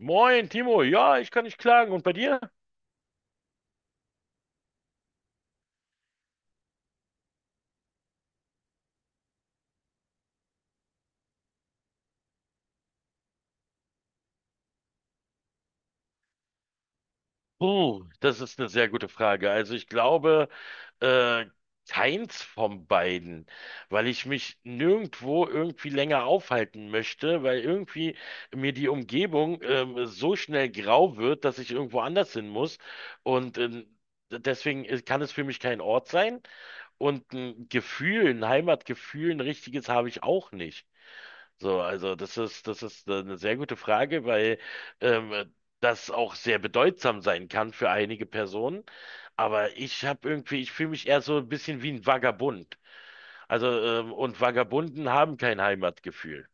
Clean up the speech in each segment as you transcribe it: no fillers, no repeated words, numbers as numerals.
Moin, Timo. Ja, ich kann nicht klagen. Und bei dir? Puh, das ist eine sehr gute Frage. Also ich glaube, äh, keins von beiden, weil ich mich nirgendwo irgendwie länger aufhalten möchte, weil irgendwie mir die Umgebung, so schnell grau wird, dass ich irgendwo anders hin muss. Und, deswegen kann es für mich kein Ort sein und ein Gefühl, ein Heimatgefühl, ein richtiges habe ich auch nicht. So, also das ist eine sehr gute Frage, weil ähm, das auch sehr bedeutsam sein kann für einige Personen. Aber ich habe irgendwie, ich fühle mich eher so ein bisschen wie ein Vagabund. Also, und Vagabunden haben kein Heimatgefühl.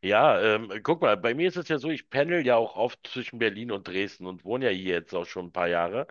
Ja, guck mal, bei mir ist es ja so, ich pendel ja auch oft zwischen Berlin und Dresden und wohne ja hier jetzt auch schon ein paar Jahre.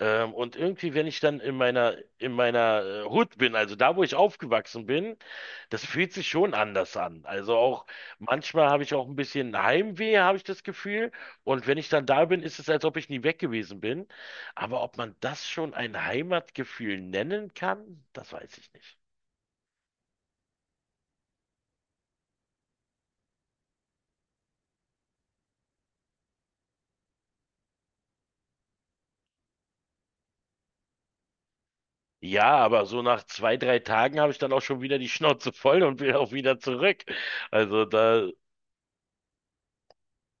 Und irgendwie, wenn ich dann in meiner Hood bin, also da, wo ich aufgewachsen bin, das fühlt sich schon anders an. Also auch manchmal habe ich auch ein bisschen Heimweh, habe ich das Gefühl. Und wenn ich dann da bin, ist es, als ob ich nie weg gewesen bin. Aber ob man das schon ein Heimatgefühl nennen kann, das weiß ich nicht. Ja, aber so nach 2, 3 Tagen habe ich dann auch schon wieder die Schnauze voll und will auch wieder zurück. Also da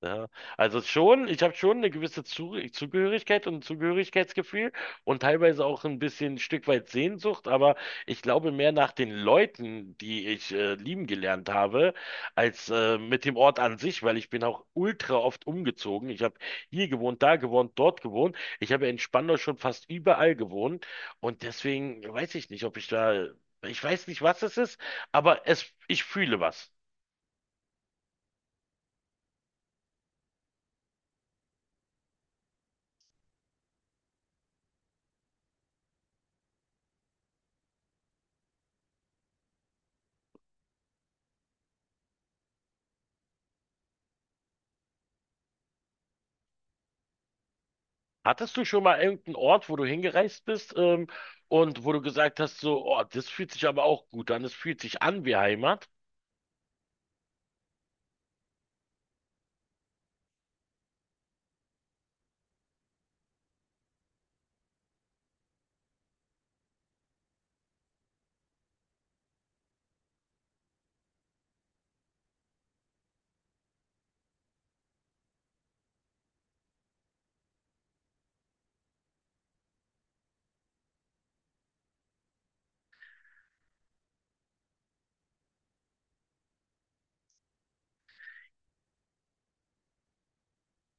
ja, also schon, ich habe schon eine gewisse Zu Zugehörigkeit und ein Zugehörigkeitsgefühl und teilweise auch ein bisschen ein Stück weit Sehnsucht, aber ich glaube mehr nach den Leuten, die ich lieben gelernt habe, als mit dem Ort an sich, weil ich bin auch ultra oft umgezogen. Ich habe hier gewohnt, da gewohnt, dort gewohnt. Ich habe ja in Spandau schon fast überall gewohnt und deswegen weiß ich nicht, ob ich da, ich weiß nicht, was es ist, aber es, ich fühle was. Hattest du schon mal irgendeinen Ort, wo du hingereist bist, und wo du gesagt hast, so, oh, das fühlt sich aber auch gut an, das fühlt sich an wie Heimat?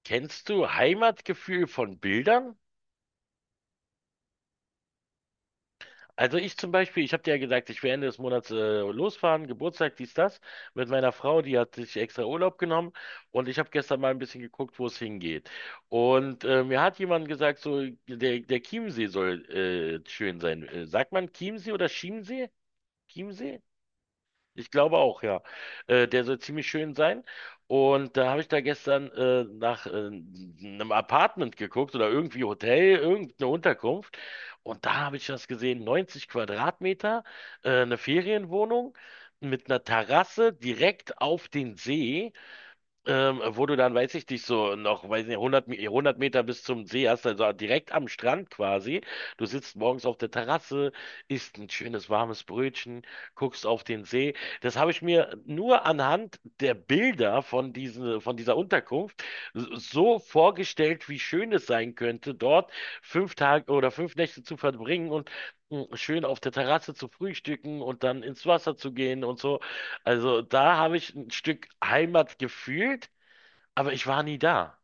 Kennst du Heimatgefühl von Bildern? Also ich zum Beispiel, ich habe dir ja gesagt, ich will Ende des Monats losfahren, Geburtstag, dies, das, mit meiner Frau, die hat sich extra Urlaub genommen und ich habe gestern mal ein bisschen geguckt, wo es hingeht. Und mir hat jemand gesagt, so, der Chiemsee soll schön sein. Sagt man Chiemsee oder Chiemsee? Chiemsee? Ich glaube auch, ja. Der soll ziemlich schön sein. Und da habe ich da gestern nach einem Apartment geguckt oder irgendwie Hotel, irgendeine Unterkunft. Und da habe ich das gesehen, 90 Quadratmeter, eine Ferienwohnung mit einer Terrasse direkt auf den See. Wo du dann, weiß ich nicht, so noch, weiß nicht, 100 Meter bis zum See hast, also direkt am Strand quasi. Du sitzt morgens auf der Terrasse, isst ein schönes warmes Brötchen, guckst auf den See. Das habe ich mir nur anhand der Bilder von dieser Unterkunft so vorgestellt, wie schön es sein könnte, dort 5 Tage oder 5 Nächte zu verbringen und schön auf der Terrasse zu frühstücken und dann ins Wasser zu gehen und so. Also da habe ich ein Stück Heimat gefühlt, aber ich war nie da.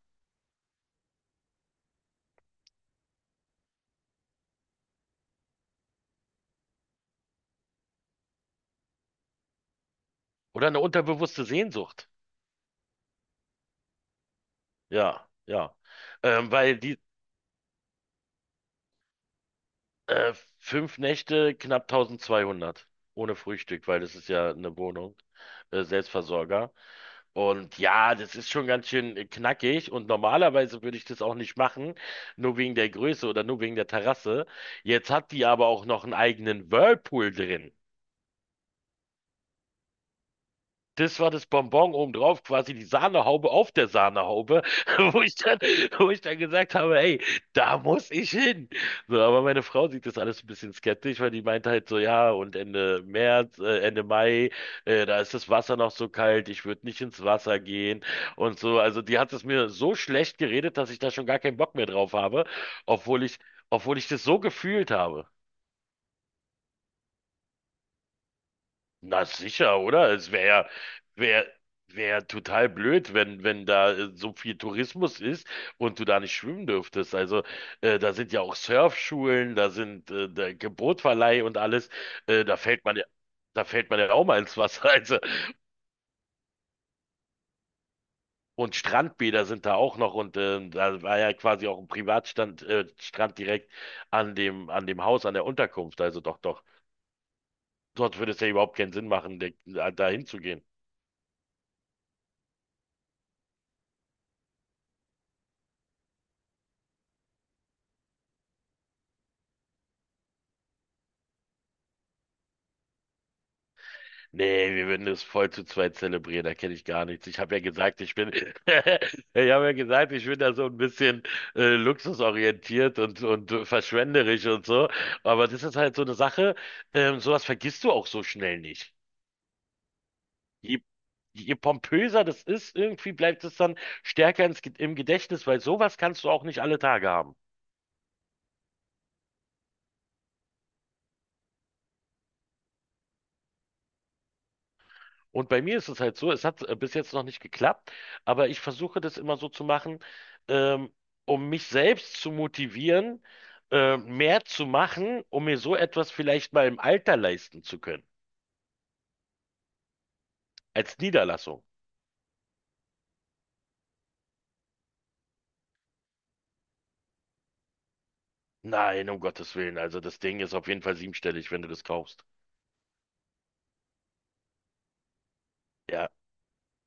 Oder eine unterbewusste Sehnsucht. Ja, ja. Weil die äh, 5 Nächte knapp 1200 ohne Frühstück, weil das ist ja eine Wohnung, Selbstversorger. Und ja, das ist schon ganz schön knackig und normalerweise würde ich das auch nicht machen, nur wegen der Größe oder nur wegen der Terrasse. Jetzt hat die aber auch noch einen eigenen Whirlpool drin. Das war das Bonbon obendrauf, quasi die Sahnehaube auf der Sahnehaube, wo ich dann, wo ich dann gesagt habe, ey, da muss ich hin. So, aber meine Frau sieht das alles ein bisschen skeptisch, weil die meint halt so, ja, und Ende März, Ende Mai, da ist das Wasser noch so kalt, ich würde nicht ins Wasser gehen und so. Also die hat es mir so schlecht geredet, dass ich da schon gar keinen Bock mehr drauf habe, obwohl ich, obwohl ich das so gefühlt habe. Na sicher, oder? Es wäre ja, wär, wär ja total blöd, wenn da so viel Tourismus ist und du da nicht schwimmen dürftest. Also da sind ja auch Surfschulen, da sind der Bootverleih und alles. Äh, da fällt man ja, da fällt man ja auch mal ins Wasser. Also, und Strandbäder sind da auch noch und da war ja quasi auch ein Strand direkt an dem Haus, an der Unterkunft. Also doch, doch. Dort würde es ja überhaupt keinen Sinn machen, da hinzugehen. Nee, wir würden es voll zu zweit zelebrieren, da kenne ich gar nichts. Ich habe ja gesagt, ich bin, Ich habe ja gesagt, ich bin da so ein bisschen luxusorientiert und verschwenderisch und so. Aber das ist halt so eine Sache, sowas vergisst du auch so schnell nicht. Je, je pompöser das ist, irgendwie bleibt es dann stärker im Gedächtnis, weil sowas kannst du auch nicht alle Tage haben. Und bei mir ist es halt so, es hat bis jetzt noch nicht geklappt, aber ich versuche das immer so zu machen, ähm, um mich selbst zu motivieren, mehr zu machen, um mir so etwas vielleicht mal im Alter leisten zu können, als Niederlassung. Nein, um Gottes Willen, also das Ding ist auf jeden Fall siebenstellig, wenn du das kaufst. Ja,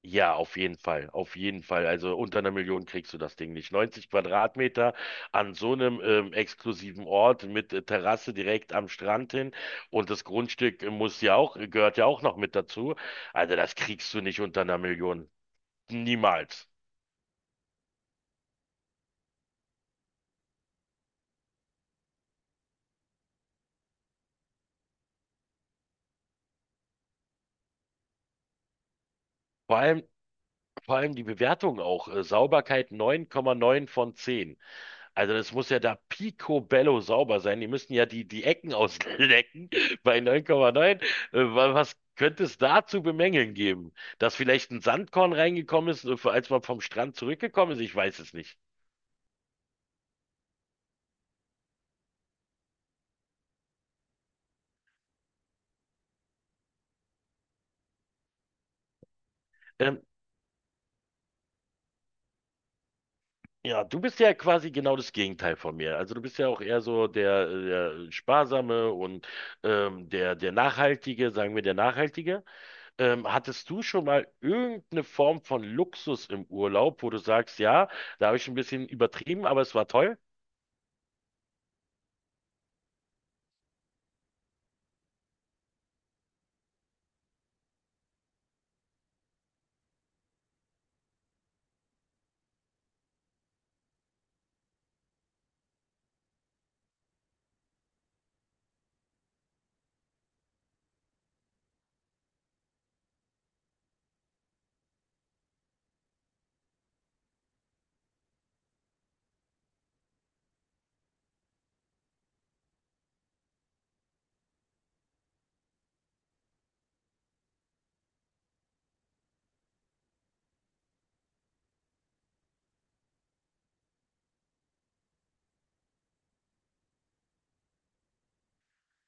ja, auf jeden Fall, auf jeden Fall. Also unter einer Million kriegst du das Ding nicht. 90 Quadratmeter an so einem exklusiven Ort mit Terrasse direkt am Strand hin und das Grundstück muss ja auch, gehört ja auch noch mit dazu. Also das kriegst du nicht unter einer Million. Niemals. Vor allem, vor allem die Bewertung auch. Sauberkeit 9,9 von 10. Also das muss ja da picobello sauber sein. Die müssen ja die Ecken auslecken bei 9,9. Was könnte es da zu bemängeln geben? Dass vielleicht ein Sandkorn reingekommen ist, als man vom Strand zurückgekommen ist? Ich weiß es nicht. Ähm, ja, du bist ja quasi genau das Gegenteil von mir. Also du bist ja auch eher so der Sparsame und der Nachhaltige, sagen wir der Nachhaltige. Hattest du schon mal irgendeine Form von Luxus im Urlaub, wo du sagst, ja, da habe ich ein bisschen übertrieben, aber es war toll?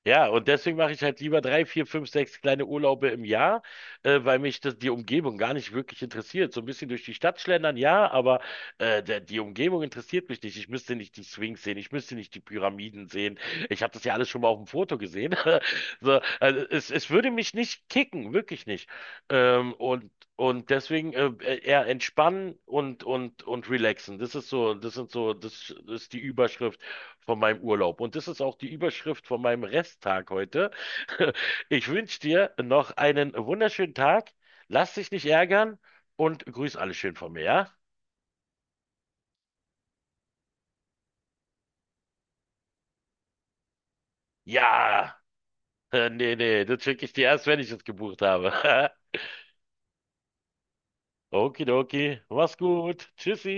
Ja, und deswegen mache ich halt lieber drei, vier, fünf, sechs kleine Urlaube im Jahr, weil mich das, die Umgebung gar nicht wirklich interessiert. So ein bisschen durch die Stadt schlendern, ja, aber die Umgebung interessiert mich nicht. Ich müsste nicht die Sphinx sehen, ich müsste nicht die Pyramiden sehen. Ich habe das ja alles schon mal auf dem Foto gesehen. So, also es würde mich nicht kicken, wirklich nicht. Und deswegen eher entspannen und und relaxen. Das ist so, das sind so, das ist die Überschrift von meinem Urlaub. Und das ist auch die Überschrift von meinem Resttag heute. Ich wünsche dir noch einen wunderschönen Tag. Lass dich nicht ärgern und grüß alle schön von mir, ja? Ja, nee, nee, das schicke ich dir erst, wenn ich es gebucht habe. Okidoki, mach's gut. Tschüssi.